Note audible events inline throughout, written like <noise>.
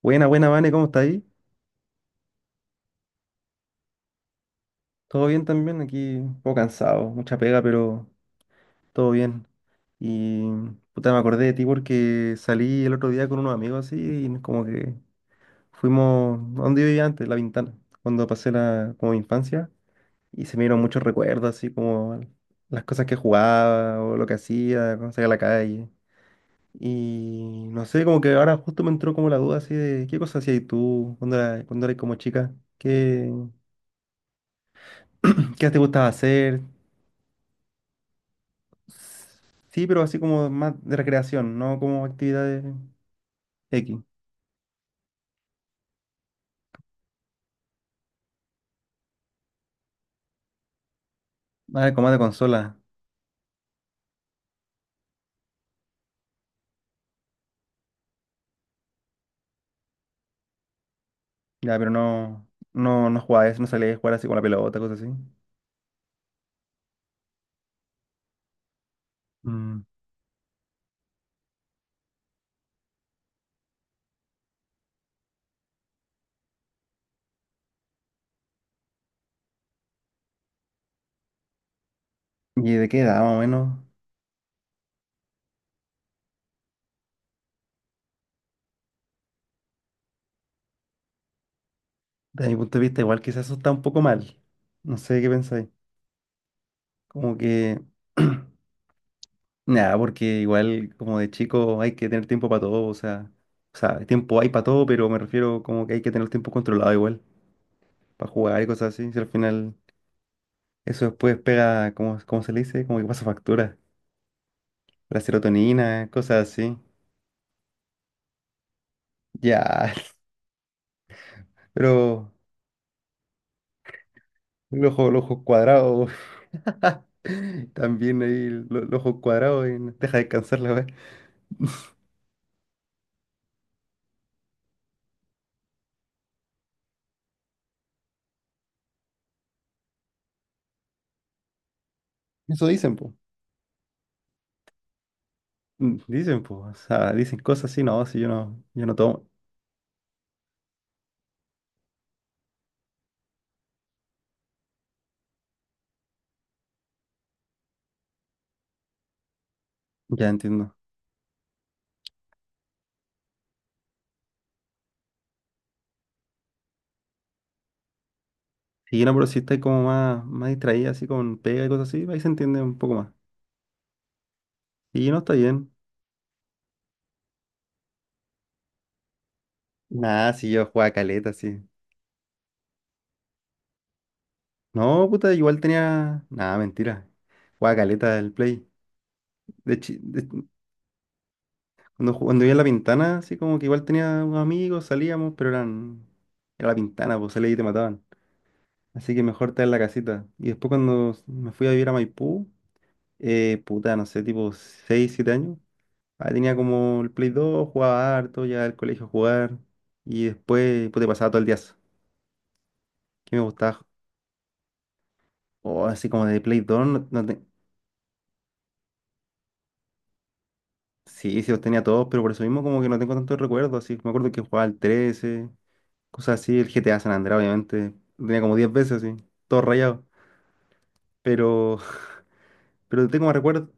Buena, buena, Vane, ¿cómo está ahí? ¿Todo bien también? Aquí un poco cansado, mucha pega, pero todo bien. Y puta, me acordé de ti porque salí el otro día con unos amigos así y como que fuimos a donde yo vivía antes, La Ventana, cuando pasé la como mi infancia y se me dieron muchos recuerdos así como las cosas que jugaba o lo que hacía cuando salía a la calle. Y no sé, como que ahora justo me entró como la duda así de qué cosas hacías tú cuando eras como chica, qué, qué te gustaba hacer. Sí, pero así como más de recreación, no como actividades X. Ah, como más de consola. Ya, pero no jugaba eso, no salía a jugar así con la pelota, cosas así. Mm. ¿Y de qué edad, más o menos? Desde mi punto de vista, igual quizás eso está un poco mal. No sé qué pensáis. Como que. <clears throat> Nada, porque igual como de chico hay que tener tiempo para todo, o sea. O sea, tiempo hay para todo, pero me refiero como que hay que tener el tiempo controlado igual, para jugar y cosas así. Si al final. Eso después pega, ¿cómo se le dice? Como que pasa factura. La serotonina, cosas así. Ya, <laughs> pero el ojo cuadrado. <laughs> También ahí el ojo cuadrado y no te deja descansar la weá. <laughs> Eso dicen, po. Mm. Dicen, po. O sea, dicen cosas así, no, si yo no, tomo. Ya entiendo. Y no, pero si estáis como más distraída, así con pega y cosas así, ahí se entiende un poco más. Y no está bien. Nada, si yo jugaba caleta, sí. No, puta, igual tenía. Nada, mentira. Jugaba caleta el play. De, chi- de- cuando, ju- cuando vivía en La Pintana, así como que igual tenía unos amigos, salíamos, pero eran. Era La Pintana, pues salías y te mataban. Así que mejor estar en la casita. Y después cuando me fui a vivir a Maipú, puta, no sé, tipo 6 7 años. Ahí tenía como el Play 2 jugaba harto, ya al colegio a jugar. Y después, pues, te pasaba todo el día. Que me gustaba. O así como de Play 2 no, tenía. Sí, sí, los tenía todos, pero por eso mismo como que no tengo tantos recuerdos, así. Me acuerdo que jugaba al 13, cosas así, el GTA San Andreas, obviamente. Lo tenía como 10 veces, así, todo rayado. Pero, <laughs> pero tengo más recuerdos.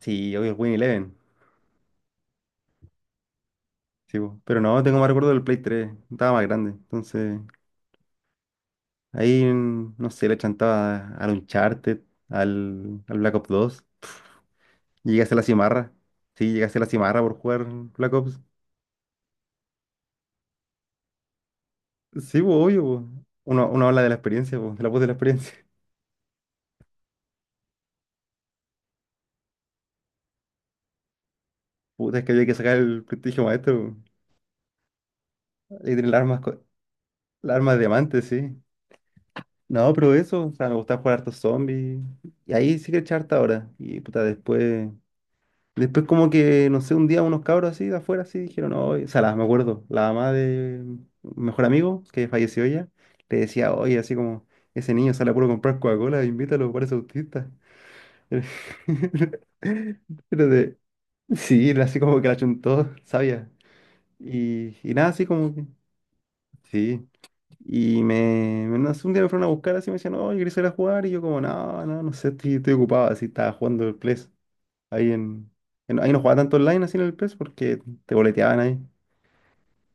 Sí, obvio, el Win Eleven. Sí, po. Pero no, tengo más recuerdos del Play 3. Estaba más grande. Entonces, ahí, no sé, le chantaba al Uncharted, al Black Ops 2. Llegué a hacer la cimarra. Sí, llegué a hacer la cimarra por jugar Black Ops. Sí, po, obvio, po. Uno habla de la experiencia, po, de la voz de la experiencia. Puta, es que había que sacar el prestigio maestro. Hay que tener las armas, las armas de diamante, sí. No, pero eso, o sea, me gustaba jugar hartos zombies. Y ahí sí que echaba harta ahora. Y puta, después. Después, como que, no sé, un día unos cabros así de afuera así dijeron, no, o sea, me acuerdo, la mamá de un mejor amigo, que falleció ya, le decía, oye, así como, ese niño sale a puro comprar Coca-Cola, invítalo, parece autista. <laughs> Pero de. Sí, así como que la chuntó, sabía. Y nada, así como que. Sí, y no sé, un día me fueron a buscar así, me decían, no, yo quería salir a jugar, y yo como, no sé, estoy ocupado, así estaba jugando el PES, ahí ahí no jugaba tanto online así en el PES porque te boleteaban ahí,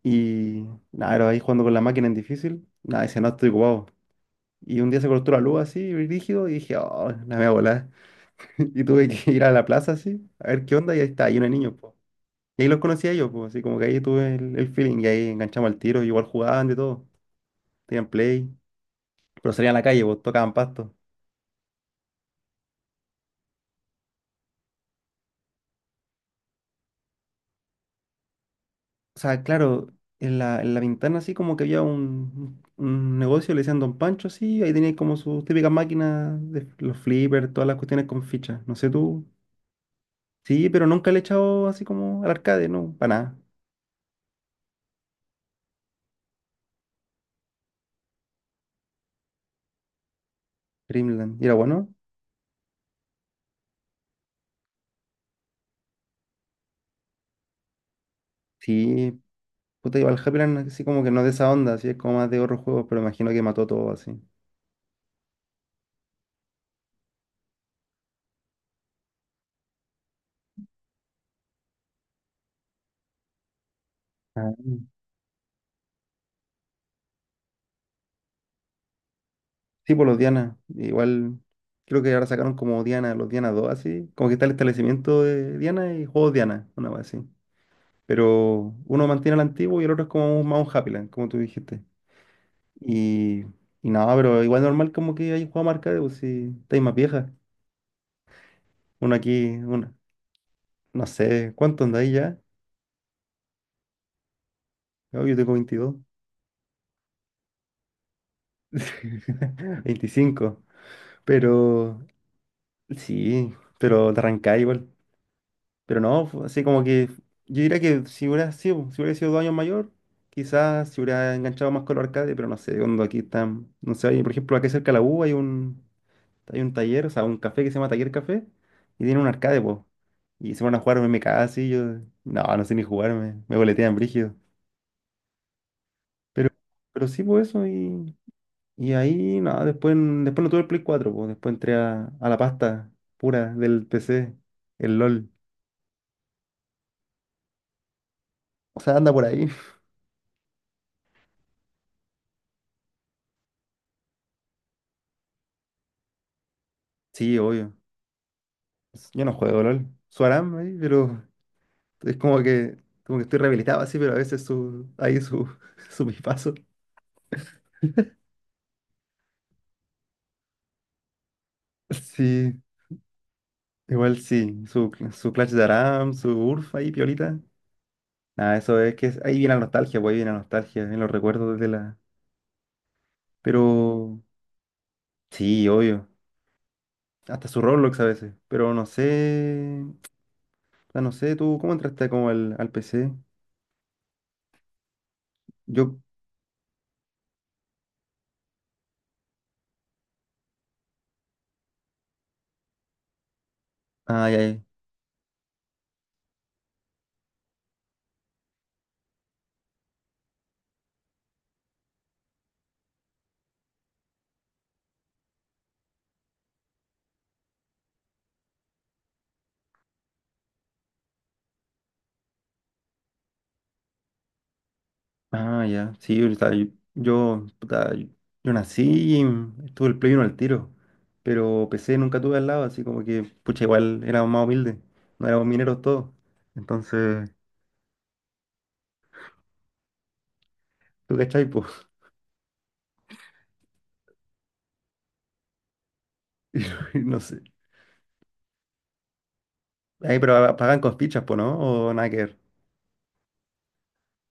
y nada, era ahí jugando con la máquina en difícil, nada, decía, no, estoy ocupado, y un día se cortó la luz así, rígido, y dije, oh, la voy a volar, <laughs> y tuve que ir a la plaza así, a ver qué onda, y ahí está, ahí unos niños, po. Y ahí los conocí a ellos, po, así como que ahí tuve el feeling, y ahí enganchamos al tiro, igual jugaban de todo, tenían play, pero salían a la calle, pues tocaban pasto. O sea, claro, en la ventana así como que había un- negocio, le decían Don Pancho así, ahí tenía como sus típicas máquinas, de los flippers, todas las cuestiones con fichas. No sé tú. Sí, pero nunca le he echado así como al arcade, no, para nada. Dreamland. ¿Y era bueno? Sí, puta, iba al Happyland así como que no es de esa onda, así es como más de otros juegos, pero imagino que mató todo así. Ah. Sí, por los Diana. Igual creo que ahora sacaron como Diana, los Diana 2 así. Como que está el establecimiento de Diana y juegos Diana, una cosa así. Pero uno mantiene el antiguo y el otro es como más un Happyland, como tú dijiste. Y, y nada, pero igual normal como que hay un juego marcado, pues si estáis más vieja. Uno aquí, una, no sé, ¿cuánto andáis ya? No, yo tengo 22, <laughs> 25. Pero sí, pero te arrancáis igual. Pero no, fue así como que yo diría que si hubiera sido 2 años mayor, quizás se hubiera enganchado más con los arcades, pero no sé, cuando aquí están, no sé, hay, por ejemplo, aquí cerca de la U hay un, taller, o sea, un café que se llama Taller Café, y tiene un arcade, pues. Y se van a jugar MMK así, yo, no sé ni jugarme, me boletean brígido. Pero, pero sí, pues eso, y ahí, nada después no tuve el Play 4 pues, después entré a la pasta pura del PC, el LOL. O sea, anda por ahí. <laughs> Sí, obvio. Pues, yo no juego LOL. Su Aram ahí, pero es como que estoy rehabilitado así, pero a veces su, ahí su, <laughs> su pipazo. Sí, igual sí. Su Clash de Aram, su Urf ahí, piolita. Nada, eso es que ahí viene la nostalgia, pues ahí viene la nostalgia, en los recuerdos de la. Pero sí, obvio. Hasta su Roblox a veces. Pero no sé. O sea, no sé, tú, ¿cómo entraste como al PC? Yo. Ay, ay. Ah, ya. Sí, o sea, yo, puta, yo nací y tuve el Play 1 al tiro. Pero PC nunca tuve al lado, así como que, pucha, igual éramos más humildes. No éramos mineros todos. Entonces, ¿tú cachai, po? <laughs> Y no y no sé. Ahí, pero pagan con fichas, po, ¿no? O nada que ver.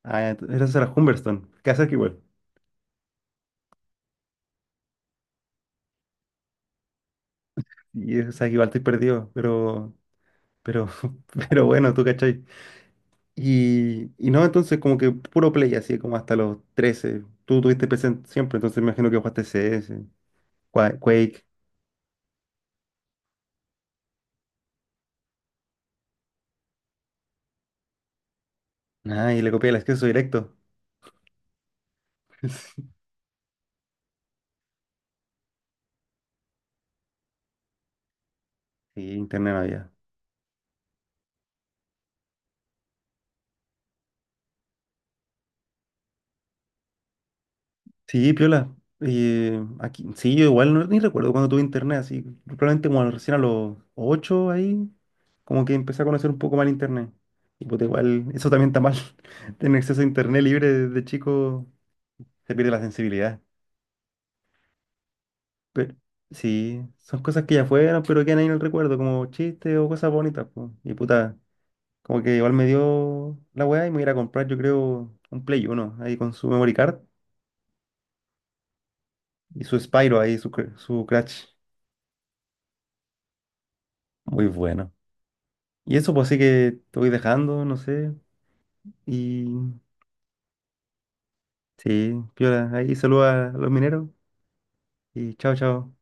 Ah, ya, eso era Humberstone. ¿Qué haces que igual? Y o sea, que igual estoy perdido, pero, pero, <laughs> pero bueno, ¿tú cachai? Y no, entonces como que puro play, así como hasta los 13. Tú tuviste PC siempre, entonces me imagino que jugaste CS, Quake. Ah, y le copié el acceso directo. <laughs> Sí, internet no había. Sí, piola. Aquí, sí, yo igual no, ni recuerdo cuando tuve internet, así. Probablemente como recién a los 8 ahí, como que empecé a conocer un poco mal internet. Y pues igual, eso también está mal. <laughs> Tener acceso a internet libre desde chico se pierde la sensibilidad. Pero, sí, son cosas que ya fueron, pero quedan ahí en el recuerdo, como chistes o cosas bonitas, po. Y puta, como que igual me dio la weá y me voy a ir a comprar, yo creo, un Play 1 ahí con su memory card y su Spyro ahí, su Crash. Muy bueno. Y eso, pues sí que te voy dejando, no sé. Y sí, piola, ahí saluda a los mineros y chao, chao.